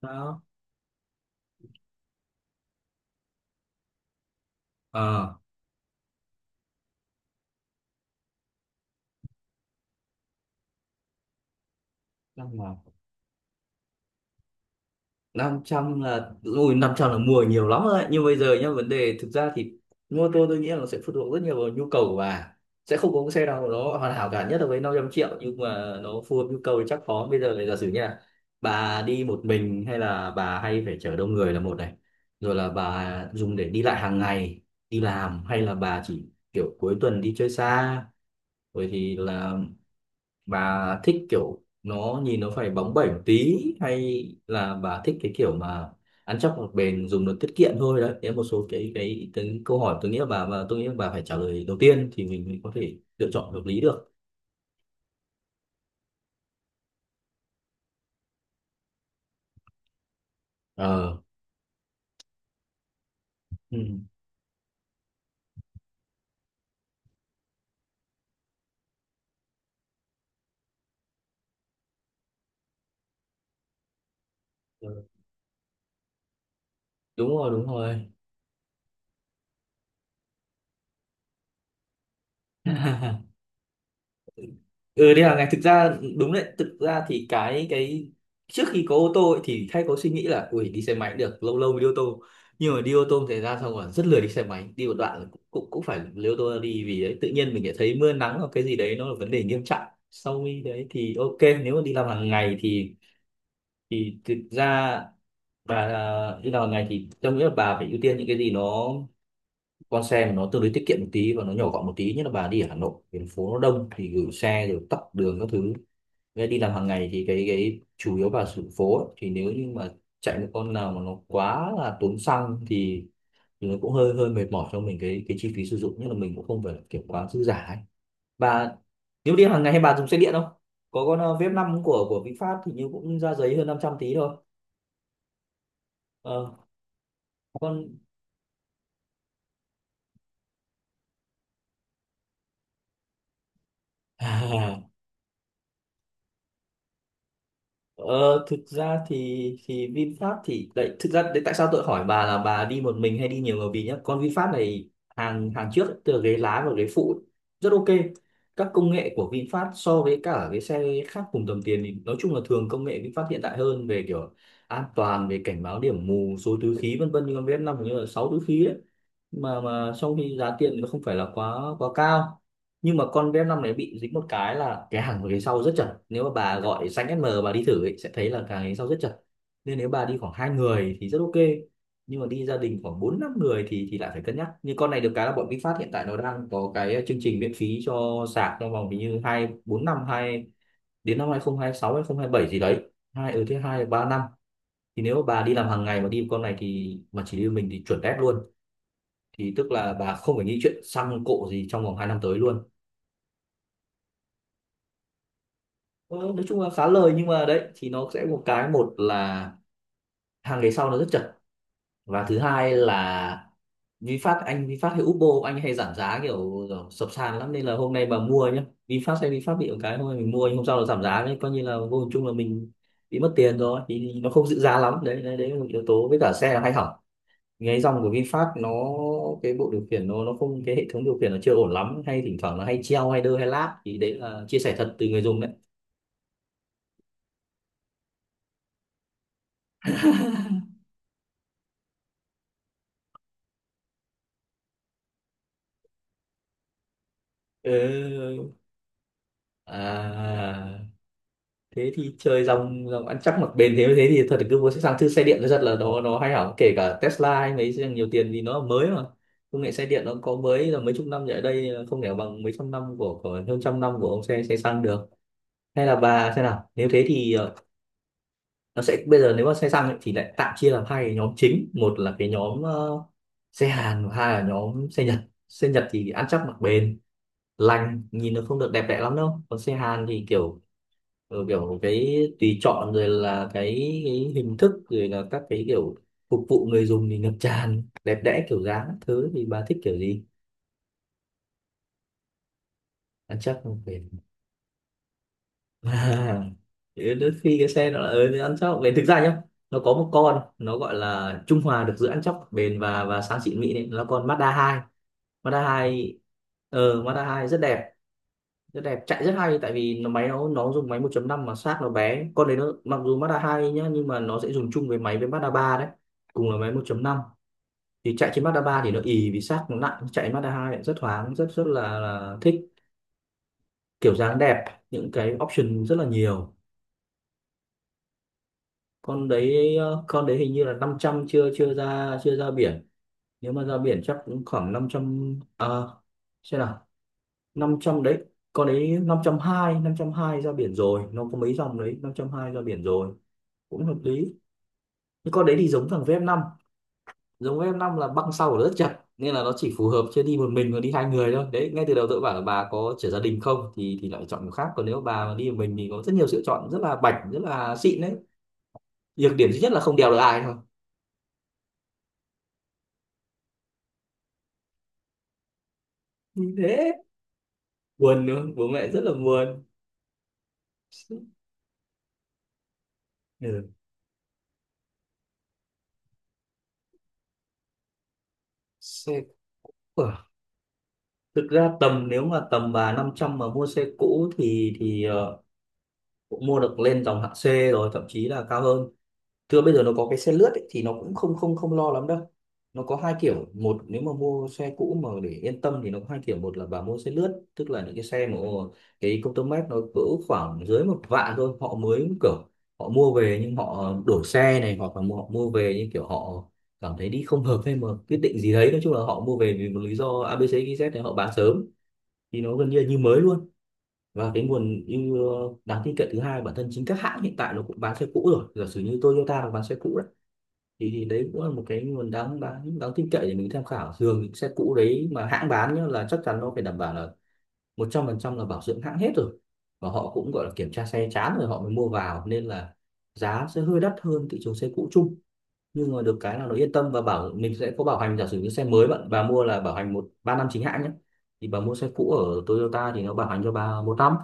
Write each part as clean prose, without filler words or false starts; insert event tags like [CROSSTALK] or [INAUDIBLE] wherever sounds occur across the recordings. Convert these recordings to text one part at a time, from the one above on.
Đó. Ờ, năm trăm là 500 là ui 500 là mua nhiều lắm rồi đấy. Nhưng bây giờ nhá, vấn đề thực ra thì mua ô tô tôi nghĩ là nó sẽ phụ thuộc rất nhiều vào nhu cầu của bà. Sẽ không có cái xe nào mà nó hoàn hảo cả, nhất là với 500 triệu, nhưng mà nó phù hợp nhu cầu thì chắc khó. Bây giờ này, giả sử như là bà đi một mình hay là bà hay phải chở đông người là một này. Rồi là bà dùng để đi lại hàng ngày, đi làm hay là bà chỉ kiểu cuối tuần đi chơi xa. Rồi thì là bà thích kiểu nó nhìn nó phải bóng bẩy một tí, hay là bà thích cái kiểu mà ăn chắc mặc bền dùng nó tiết kiệm thôi. Đấy đấy là một số cái câu hỏi tôi nghĩ là bà, và tôi nghĩ là bà phải trả lời đầu tiên thì mình mới có thể lựa chọn hợp lý được. ờ ừ. Đúng rồi, đúng rồi. [LAUGHS] Ừ, đi hàng ngày thực ra đúng đấy, thực ra thì cái trước khi có ô tô ấy, thì hay có suy nghĩ là ui đi xe máy cũng được, lâu lâu mới đi ô tô, nhưng mà đi ô tô thì ra xong rồi rất lười đi xe máy, đi một đoạn là cũng cũng, cũng phải lấy ô tô ra đi. Vì đấy tự nhiên mình lại thấy mưa nắng hoặc cái gì đấy nó là vấn đề nghiêm trọng. Sau khi đấy thì ok, nếu mà đi làm hàng ngày thì thực ra bà à, đi làm hàng ngày thì tôi nghĩ là bà phải ưu tiên những cái gì nó, con xe mà nó tương đối tiết kiệm một tí và nó nhỏ gọn một tí, nhất là bà đi ở Hà Nội thành phố nó đông thì gửi xe rồi tắc đường các thứ. Với đi làm hàng ngày thì cái chủ yếu vào sự phố ấy, thì nếu như mà chạy một con nào mà nó quá là tốn xăng thì nó cũng hơi hơi mệt mỏi cho mình cái chi phí sử dụng, nhưng mà mình cũng không phải là kiểu quá dư giả ấy. Bà nếu đi hàng ngày hay bà dùng xe điện không? Có con Vip 5 của VinFast thì như cũng ra giấy hơn 500 tí thôi. Ờ, con [LAUGHS] Ờ, thực ra thì VinFast thì đấy, thực ra đấy tại sao tôi hỏi bà là bà đi một mình hay đi nhiều người, vì nhá con VinFast này hàng hàng trước ấy, từ là ghế lái và ghế phụ ấy, rất ok. Các công nghệ của VinFast so với cả cái xe khác cùng tầm tiền thì nói chung là thường công nghệ VinFast hiện đại hơn về kiểu an toàn, về cảnh báo điểm mù, số túi khí vân vân, như con vf năm hình như là 6 túi khí ấy, mà trong khi giá tiền nó không phải là quá quá cao. Nhưng mà con bf năm này bị dính một cái là cái hàng ghế sau rất chật, nếu mà bà gọi xanh SM bà đi thử ấy, sẽ thấy là cái ghế sau rất chật, nên nếu bà đi khoảng hai người thì rất ok. Nhưng mà đi gia đình khoảng bốn năm người thì lại phải cân nhắc. Như con này được cái là bọn VinFast hiện tại nó đang có cái chương trình miễn phí cho sạc trong vòng hình như hai bốn năm hai đến năm 2026 bảy gì đấy, hai ở thứ hai ba năm. Thì nếu mà bà đi làm hàng ngày mà đi con này thì mà chỉ đi một mình thì chuẩn đét luôn, thì tức là bà không phải nghĩ chuyện xăng cộ gì trong vòng 2 năm tới luôn. Ờ, nói chung là khá lời, nhưng mà đấy thì nó sẽ một cái, một là hàng ghế sau nó rất chật, và thứ hai là VinFast, anh VinFast hay Upbo anh hay giảm giá kiểu, kiểu sập sàn lắm, nên là hôm nay mà mua nhá VinFast hay VinFast bị một cái hôm nay mình mua nhưng hôm sau nó giảm giá, đấy coi như là vô hình chung là mình bị mất tiền rồi, thì nó không giữ giá lắm đấy, đấy, đấy là một yếu tố. Với cả xe là hay hỏng, cái dòng của VinFast nó, cái bộ điều khiển nó không, cái hệ thống điều khiển nó chưa ổn lắm, hay thỉnh thoảng nó hay treo hay đơ hay lag, thì đấy là chia sẻ thật từ người dùng đấy. Ừ. À, thế thì chơi dòng dòng ăn chắc mặc bền. Thế thế thì thật là cứ mua sang thứ xe điện nó rất là, nó hay hỏng, kể cả Tesla hay mấy xe nhiều tiền, vì nó là mới mà. Công nghệ xe điện nó có mới là mấy chục năm trở lại đây, không thể bằng mấy trăm năm của hơn trăm năm của ông xe xe xăng được. Hay là bà xem nào, nếu thế thì nó sẽ bây giờ nếu mà xe xăng ấy, thì lại tạm chia làm hai cái nhóm chính, một là cái nhóm xe Hàn và hai là nhóm xe Nhật. Xe Nhật thì ăn chắc mặc bền, lành, nhìn nó không được đẹp đẽ lắm đâu. Còn xe Hàn thì kiểu kiểu cái tùy chọn, rồi là cái hình thức, rồi là các cái kiểu phục vụ người dùng thì ngập tràn đẹp đẽ kiểu dáng các thứ. Thì bà thích kiểu gì, ăn chắc mặc bền? [LAUGHS] À, thì đến khi cái xe nó là ừ, thì ăn chóc bền thực ra nhá, nó có một con nó gọi là trung hòa được giữa ăn chóc bền và sáng xịn mịn ấy, nó là con Mazda hai. Mazda hai Mazda hai rất đẹp, rất đẹp, chạy rất hay tại vì nó máy nó dùng máy 1.5 mà xác nó bé con đấy, nó mặc dù Mazda hai nhá nhưng mà nó sẽ dùng chung với máy với Mazda ba đấy, cùng là máy 1.5, thì chạy trên Mazda ba thì nó ì vì xác nó nặng, chạy Mazda hai lại rất thoáng, rất rất là thích, kiểu dáng đẹp, những cái option rất là nhiều. Con đấy con đấy hình như là năm trăm, chưa chưa ra, chưa ra biển, nếu mà ra biển chắc cũng khoảng năm trăm, à, xem nào, 500 đấy, con đấy năm năm trăm hai ra biển rồi, nó có mấy dòng đấy, năm trăm hai ra biển rồi, cũng hợp lý. Nhưng con đấy thì giống thằng vf năm, giống vf năm là băng sau của nó rất chặt, nên là nó chỉ phù hợp chưa đi một mình mà đi hai người thôi. Đấy ngay từ đầu tôi bảo là bà có trẻ gia đình không, thì lại chọn một khác, còn nếu bà mà đi một mình thì có rất nhiều sự chọn rất là bảnh, rất là xịn đấy. Nhược điểm duy nhất là không đèo được ai thôi, như thế buồn nữa, bố mẹ rất là buồn. Ừ. Xe cũ à? Thực ra tầm nếu mà tầm bà 500 mà mua xe cũ thì cũng mua được lên dòng hạng C, rồi thậm chí là cao hơn. Thưa bây giờ nó có cái xe lướt ấy, thì nó cũng không không không lo lắm đâu. Nó có hai kiểu, một nếu mà mua xe cũ mà để yên tâm thì nó có hai kiểu, một là bà mua xe lướt, tức là những cái xe mà cái công tơ mét nó cỡ khoảng dưới 10.000 thôi. Họ mới kiểu họ mua về nhưng họ đổi xe này, hoặc là họ mua về nhưng kiểu họ cảm thấy đi không hợp, hay mà quyết định gì đấy, nói chung là họ mua về vì một lý do ABC z thì họ bán sớm, thì nó gần như là như mới luôn. Và cái nguồn ưu đáng tin cậy thứ hai, bản thân chính các hãng hiện tại nó cũng bán xe cũ rồi, giả sử như Toyota nó bán xe cũ, thì đấy cũng là một cái nguồn đáng đáng đáng tin cậy để mình tham khảo. Thường những xe cũ đấy mà hãng bán nhá là chắc chắn nó phải đảm bảo là 100% là bảo dưỡng hãng hết rồi, và họ cũng gọi là kiểm tra xe chán rồi họ mới mua vào, nên là giá sẽ hơi đắt hơn thị trường xe cũ chung. Nhưng mà được cái là nó yên tâm, và bảo mình sẽ có bảo hành. Giả sử như xe mới bạn bà mua là bảo hành 1 3 năm chính hãng nhé, thì bà mua xe cũ ở Toyota thì nó bảo hành cho bà 1 năm.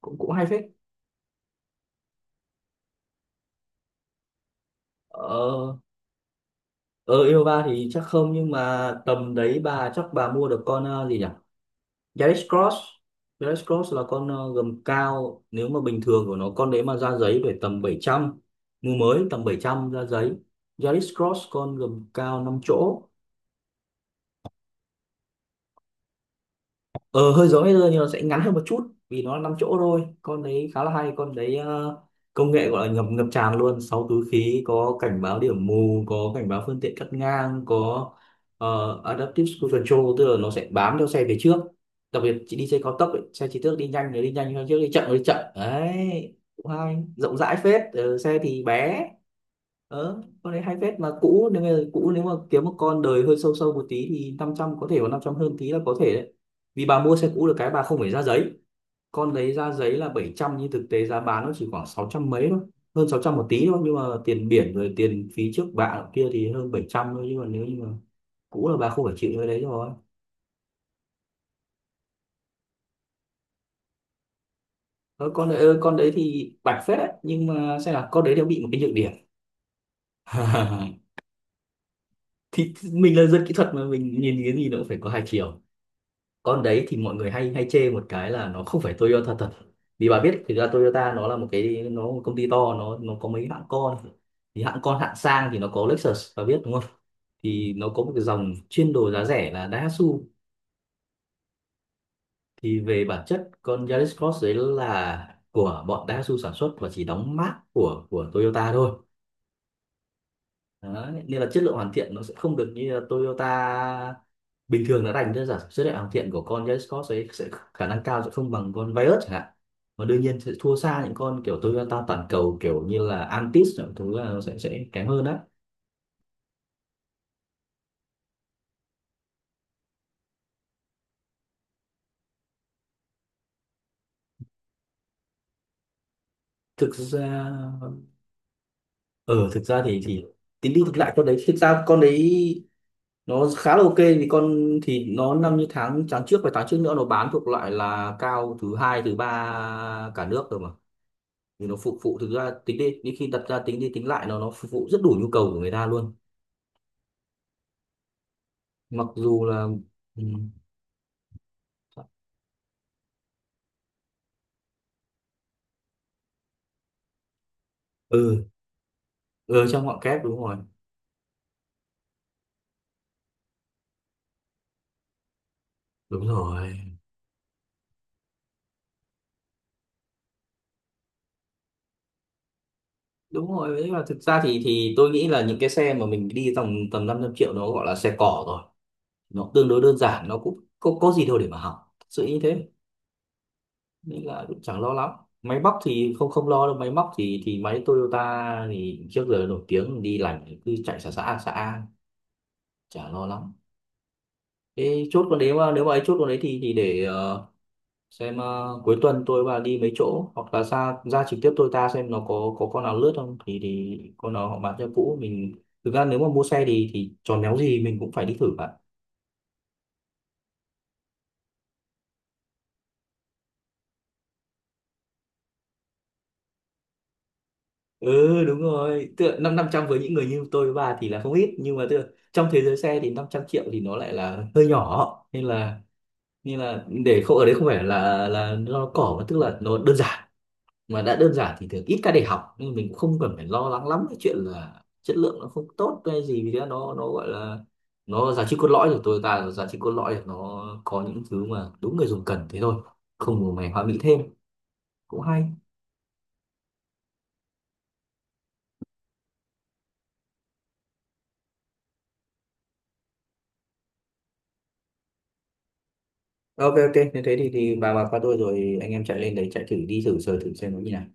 Cũng cũng hay phết. ờ, Ở Innova thì chắc không, nhưng mà tầm đấy bà chắc bà mua được con gì nhỉ, Yaris Cross. Yaris Cross là con gầm cao, nếu mà bình thường của nó con đấy mà ra giấy phải tầm 700, mua mới tầm 700 ra giấy. Yaris Cross con gầm cao 5 chỗ. Ờ hơi giống Razer nhưng nó sẽ ngắn hơn một chút, vì nó là 5 chỗ thôi. Con đấy khá là hay, con đấy công nghệ gọi là ngập ngập tràn luôn, 6 túi khí, có cảnh báo điểm mù, có cảnh báo phương tiện cắt ngang, có adaptive cruise control, tức là nó sẽ bám theo xe về trước. Đặc biệt chị đi xe cao tốc ấy, xe chỉ trước đi nhanh thì đi nhanh, xe trước đi chậm thì đi chậm, đấy cũng hay. Rộng rãi phết, xe thì bé. Ờ con đấy hay phết, mà cũ nếu mà cũ nếu mà kiếm một con đời hơi sâu sâu một tí thì 500 có thể, có 500 hơn tí là có thể đấy. Vì bà mua xe cũ được cái bà không phải ra giấy, con đấy ra giấy là 700 nhưng thực tế giá bán nó chỉ khoảng 600 mấy thôi, hơn 600 một tí thôi. Nhưng mà tiền biển rồi tiền phí trước bạ kia thì hơn 700 thôi, nhưng mà nếu như mà cũ là bà không phải chịu cái đấy rồi. Ờ, con đấy con đấy thì bạch phết đấy, nhưng mà xem là con đấy nó bị một cái nhược điểm. [LAUGHS] Thì mình là dân kỹ thuật mà, mình nhìn cái gì nó cũng phải có hai chiều. Con đấy thì mọi người hay hay chê một cái là nó không phải Toyota thật. Vì bà biết thực ra Toyota nó là một cái, nó một công ty to, nó có mấy hãng con. Thì hãng con hạng sang thì nó có Lexus bà biết đúng không, thì nó có một cái dòng chuyên đồ giá rẻ là Daihatsu. Thì về bản chất con Yaris Cross đấy là của bọn Daihatsu sản xuất và chỉ đóng mác của Toyota thôi. Đấy, nên là chất lượng hoàn thiện nó sẽ không được như là Toyota bình thường. Nó đánh ra giả sử là hoàn thiện của con Jaycott ấy sẽ khả năng cao sẽ không bằng con Virus chẳng hạn. Và đương nhiên sẽ thua xa những con kiểu Toyota toàn cầu, kiểu như là antis những thứ là nó sẽ kém hơn á. Thực ra ờ ừ, Thực ra thì tính đi thực lại con đấy thực ra con đấy nó khá là ok. Vì con thì nó năm như tháng tháng trước và tháng trước nữa nó bán thuộc loại là cao thứ hai thứ ba cả nước rồi mà. Thì nó phục vụ, thực ra tính đi đi khi đặt ra tính đi tính lại nó phục vụ rất đủ nhu cầu của người ta luôn, mặc dù là ừ ừ, ừ trong ngọn kép đúng rồi. Đúng rồi đúng rồi đấy, là thực ra thì tôi nghĩ là những cái xe mà mình đi tầm tầm 500 triệu nó gọi là xe cỏ rồi. Nó tương đối đơn giản, nó cũng có gì đâu để mà hỏng thật sự như thế, nên là cũng chẳng lo lắm. Máy móc thì không không lo đâu, máy móc thì máy Toyota thì trước giờ nổi tiếng đi lành cứ chạy xã xã xã, chả lo lắm. Thế chốt con đấy, mà nếu mà ấy chốt con đấy thì để xem, cuối tuần tôi và đi mấy chỗ hoặc là ra ra trực tiếp tôi ta xem nó có con nào lướt không, thì thì con nào họ bán cho cũ mình. Thực ra nếu mà mua xe thì tròn néo gì mình cũng phải đi thử bạn. Ừ đúng rồi, tựa năm năm trăm với những người như tôi với bà thì là không ít, nhưng mà tựa trong thế giới xe thì 500 triệu thì nó lại là hơi nhỏ, nên là để không ở đấy không phải là nó cỏ, mà tức là nó đơn giản. Mà đã đơn giản thì thường ít ca để học, nên mình cũng không cần phải lo lắng lắm cái chuyện là chất lượng nó không tốt hay gì. Vì thế nó gọi là, nó giá trị cốt lõi của tôi ta, giá trị cốt lõi là nó có những thứ mà đúng người dùng cần thế thôi, không màu mè hoa mỹ thêm, cũng hay. Ok ok như thế thì bà qua tôi rồi anh em chạy lên đấy chạy thử đi, thử sờ thử xem nó như nào.